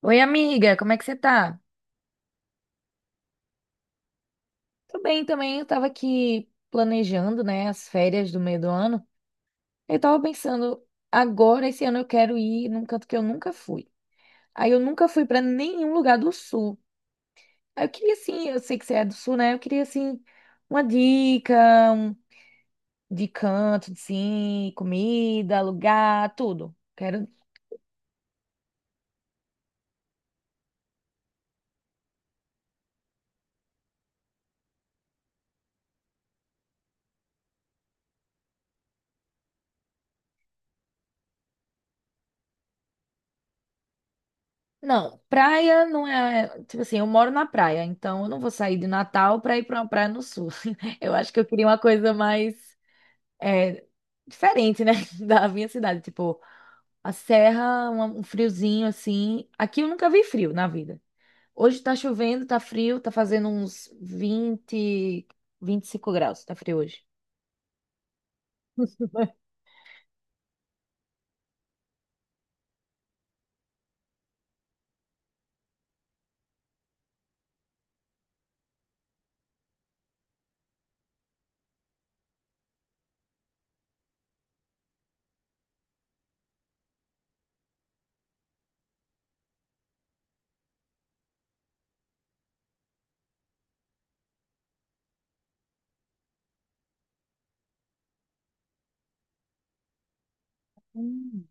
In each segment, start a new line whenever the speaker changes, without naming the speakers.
Oi, amiga, como é que você tá? Tô bem também, eu tava aqui planejando, né, as férias do meio do ano. Eu tava pensando, agora esse ano eu quero ir num canto que eu nunca fui. Aí eu nunca fui pra nenhum lugar do sul. Aí eu queria assim, eu sei que você é do sul, né? Eu queria assim uma dica de canto, assim, comida, lugar, tudo. Quero Não, praia não é. Tipo assim, eu moro na praia, então eu não vou sair de Natal pra ir pra uma praia no sul. Eu acho que eu queria uma coisa mais é, diferente, né? Da minha cidade. Tipo, a serra, um friozinho assim. Aqui eu nunca vi frio na vida. Hoje tá chovendo, tá frio, tá fazendo uns 20, 25 graus, tá frio hoje. Hum.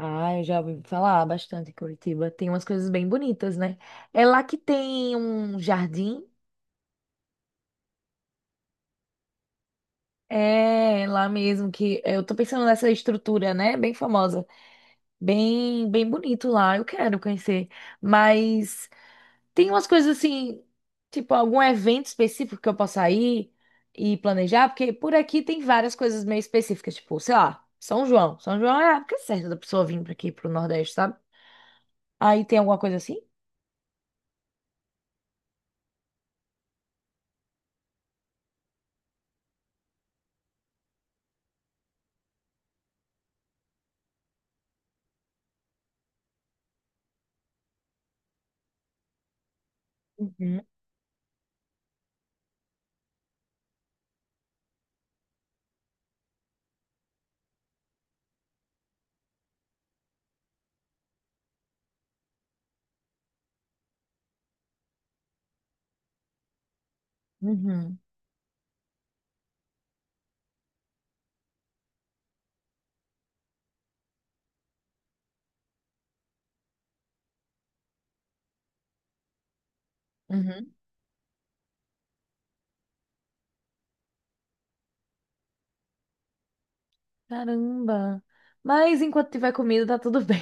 Ah, eu já ouvi falar bastante em Curitiba. Tem umas coisas bem bonitas, né? É lá que tem um jardim. É, lá mesmo que eu tô pensando nessa estrutura, né? Bem famosa, bem, bem bonito lá. Eu quero conhecer, mas tem umas coisas assim, tipo algum evento específico que eu possa ir e planejar, porque por aqui tem várias coisas meio específicas, tipo, sei lá, São João. São João é a época certa da pessoa vir pra aqui pro Nordeste, sabe? Aí tem alguma coisa assim? Uhum, uhum, uhum. Caramba. Mas enquanto tiver comida, tá tudo bem.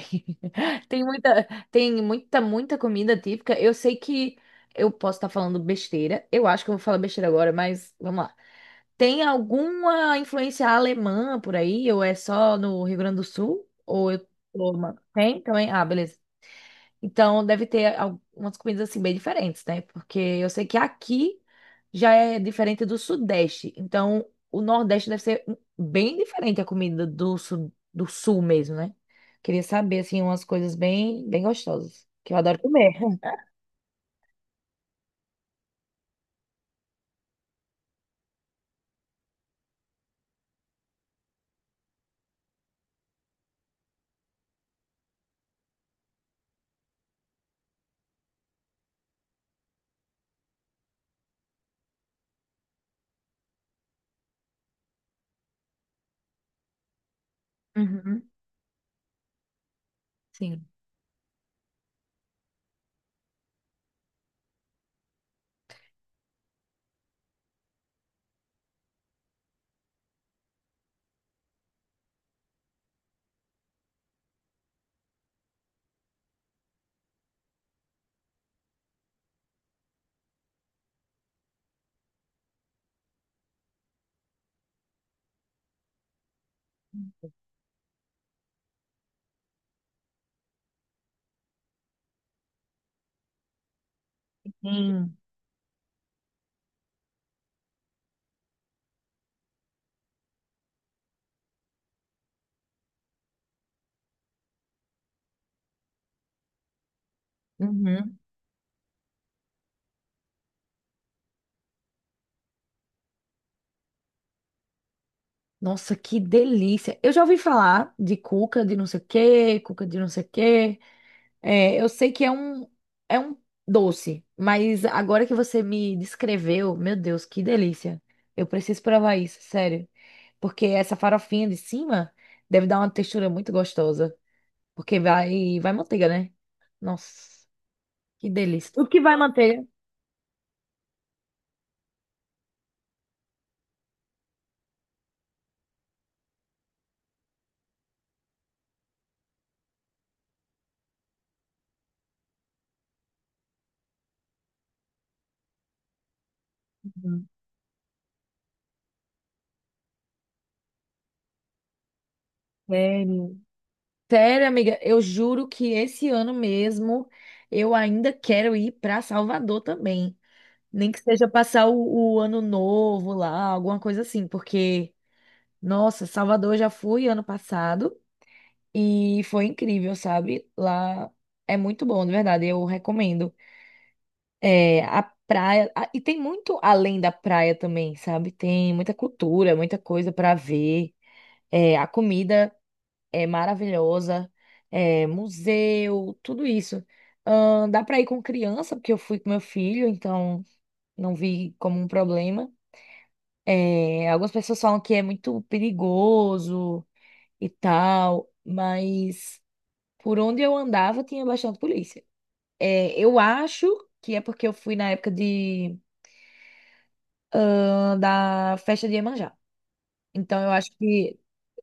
Tem muita, muita comida típica. Eu sei que eu posso estar falando besteira. Eu acho que eu vou falar besteira agora, mas vamos lá. Tem alguma influência alemã por aí? Ou é só no Rio Grande do Sul? Ou eu... Tem também? Ah, beleza. Então deve ter algumas comidas assim bem diferentes, né? Porque eu sei que aqui já é diferente do Sudeste. Então o Nordeste deve ser um, bem diferente a comida do Sul mesmo, né? Queria saber, assim, umas coisas bem, bem gostosas, que eu adoro comer. Uhum, sim. Sim. Uhum. Nossa, que delícia! Eu já ouvi falar de cuca de não sei o quê, cuca de não sei o quê. É, eu sei que é um doce, mas agora que você me descreveu, meu Deus, que delícia! Eu preciso provar isso, sério. Porque essa farofinha de cima deve dar uma textura muito gostosa. Porque vai manteiga, né? Nossa, que delícia. O que vai manteiga? Hum. Sério. Sério, amiga, eu juro que esse ano mesmo eu ainda quero ir para Salvador também. Nem que seja passar o ano novo lá, alguma coisa assim, porque, nossa, Salvador eu já fui ano passado e foi incrível, sabe? Lá é muito bom, de verdade, eu recomendo. É, a praia, a- e tem muito além da praia também, sabe? Tem muita cultura, muita coisa para ver. É, a comida é maravilhosa, é museu, tudo isso. Dá para ir com criança, porque eu fui com meu filho, então não vi como um problema. É, algumas pessoas falam que é muito perigoso e tal, mas por onde eu andava tinha bastante polícia. É, eu acho que é porque eu fui na época de, da festa de Iemanjá. Então eu acho que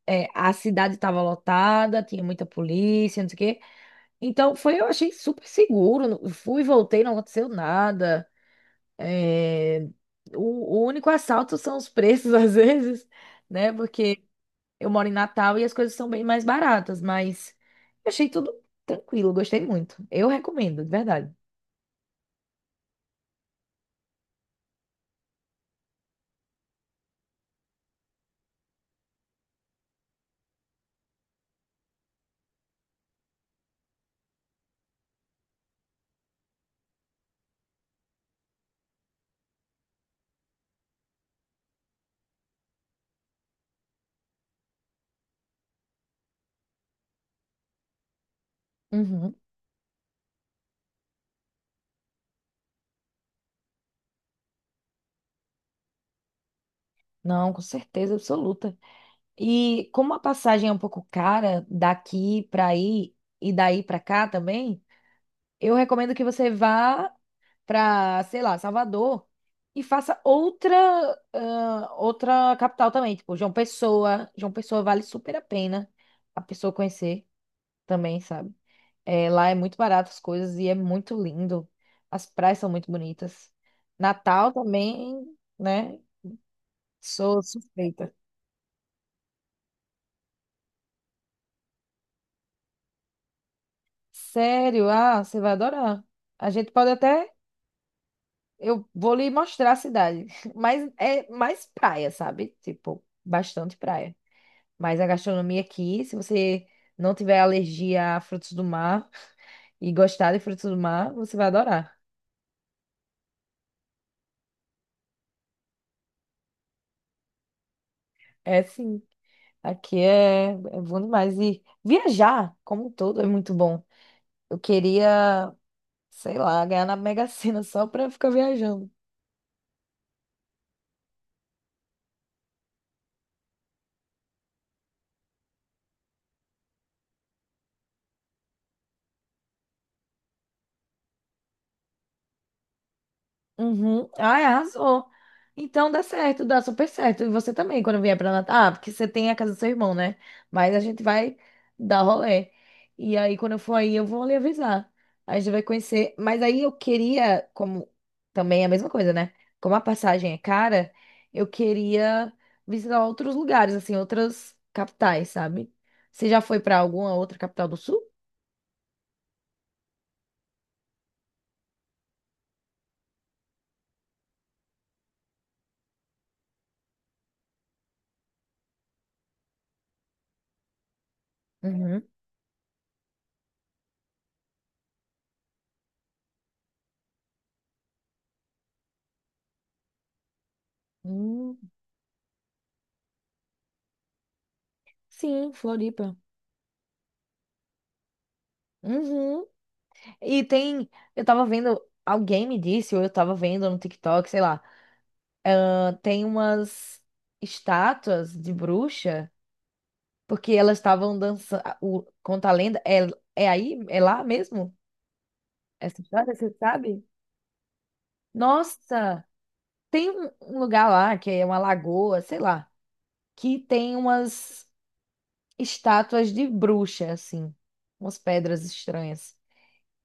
a cidade estava lotada, tinha muita polícia, não sei o quê. Então, foi, eu achei super seguro. Não- Fui, voltei, não aconteceu nada. É, o único assalto são os preços, às vezes, né? Porque eu moro em Natal e as coisas são bem mais baratas, mas eu achei tudo tranquilo, gostei muito. Eu recomendo, de verdade. Uhum. Não, com certeza absoluta. E como a passagem é um pouco cara daqui pra aí e daí pra cá também, eu recomendo que você vá para, sei lá, Salvador e faça outra ah, outra capital também, tipo João Pessoa. João Pessoa vale super a pena a pessoa conhecer também, sabe? É, lá é muito barato as coisas e é muito lindo. As praias são muito bonitas. Natal também, né? Sou suspeita. Sério? Ah, você vai adorar. A gente pode até eu vou lhe mostrar a cidade, mas é mais praia, sabe? Tipo, bastante praia. Mas a gastronomia aqui, se você não tiver alergia a frutos do mar e gostar de frutos do mar, você vai adorar. Sim, aqui é bom demais. E viajar, como um todo, é muito bom. Eu queria, sei lá, ganhar na Mega Sena só pra ficar viajando. Uhum. Ai, arrasou. Então dá certo, dá super certo. E você também, quando vier pra Natal. Ah, porque você tem a casa do seu irmão, né? Mas a gente vai dar rolê. E aí, quando eu for aí, eu vou lhe avisar. Aí a gente vai conhecer. Mas aí eu queria, como também é a mesma coisa, né? Como a passagem é cara, eu queria visitar outros lugares, assim, outras capitais, sabe? Você já foi pra alguma outra capital do sul? Uhum. Hum, sim, Floripa. Uhum. E tem. Eu tava vendo. Alguém me disse, ou eu tava vendo no TikTok, sei lá. Ah, tem umas estátuas de bruxa, porque elas estavam dançando. O, conta a lenda. É, é aí? É lá mesmo? Essa história, você sabe? Nossa! Tem um lugar lá, que é uma lagoa, sei lá, que tem umas estátuas de bruxa, assim. Umas pedras estranhas.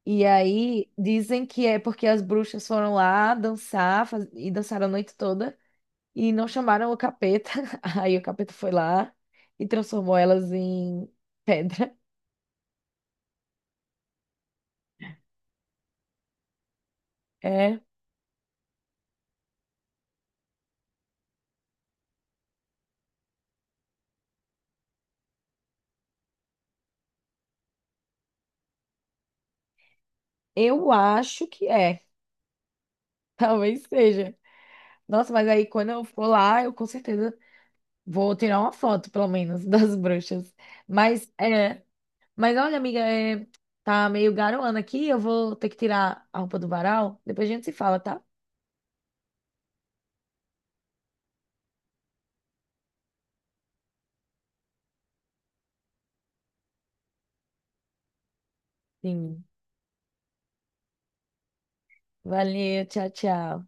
E aí dizem que é porque as bruxas foram lá dançar e dançaram a noite toda. E não chamaram o capeta. Aí o capeta foi lá e transformou elas em pedra. É, eu acho que é. Talvez seja. Nossa, mas aí quando eu for lá, eu com certeza vou tirar uma foto, pelo menos, das bruxas. Mas mas olha, amiga, tá meio garoando aqui, eu vou ter que tirar a roupa do varal. Depois a gente se fala, tá? Sim. Valeu, tchau, tchau.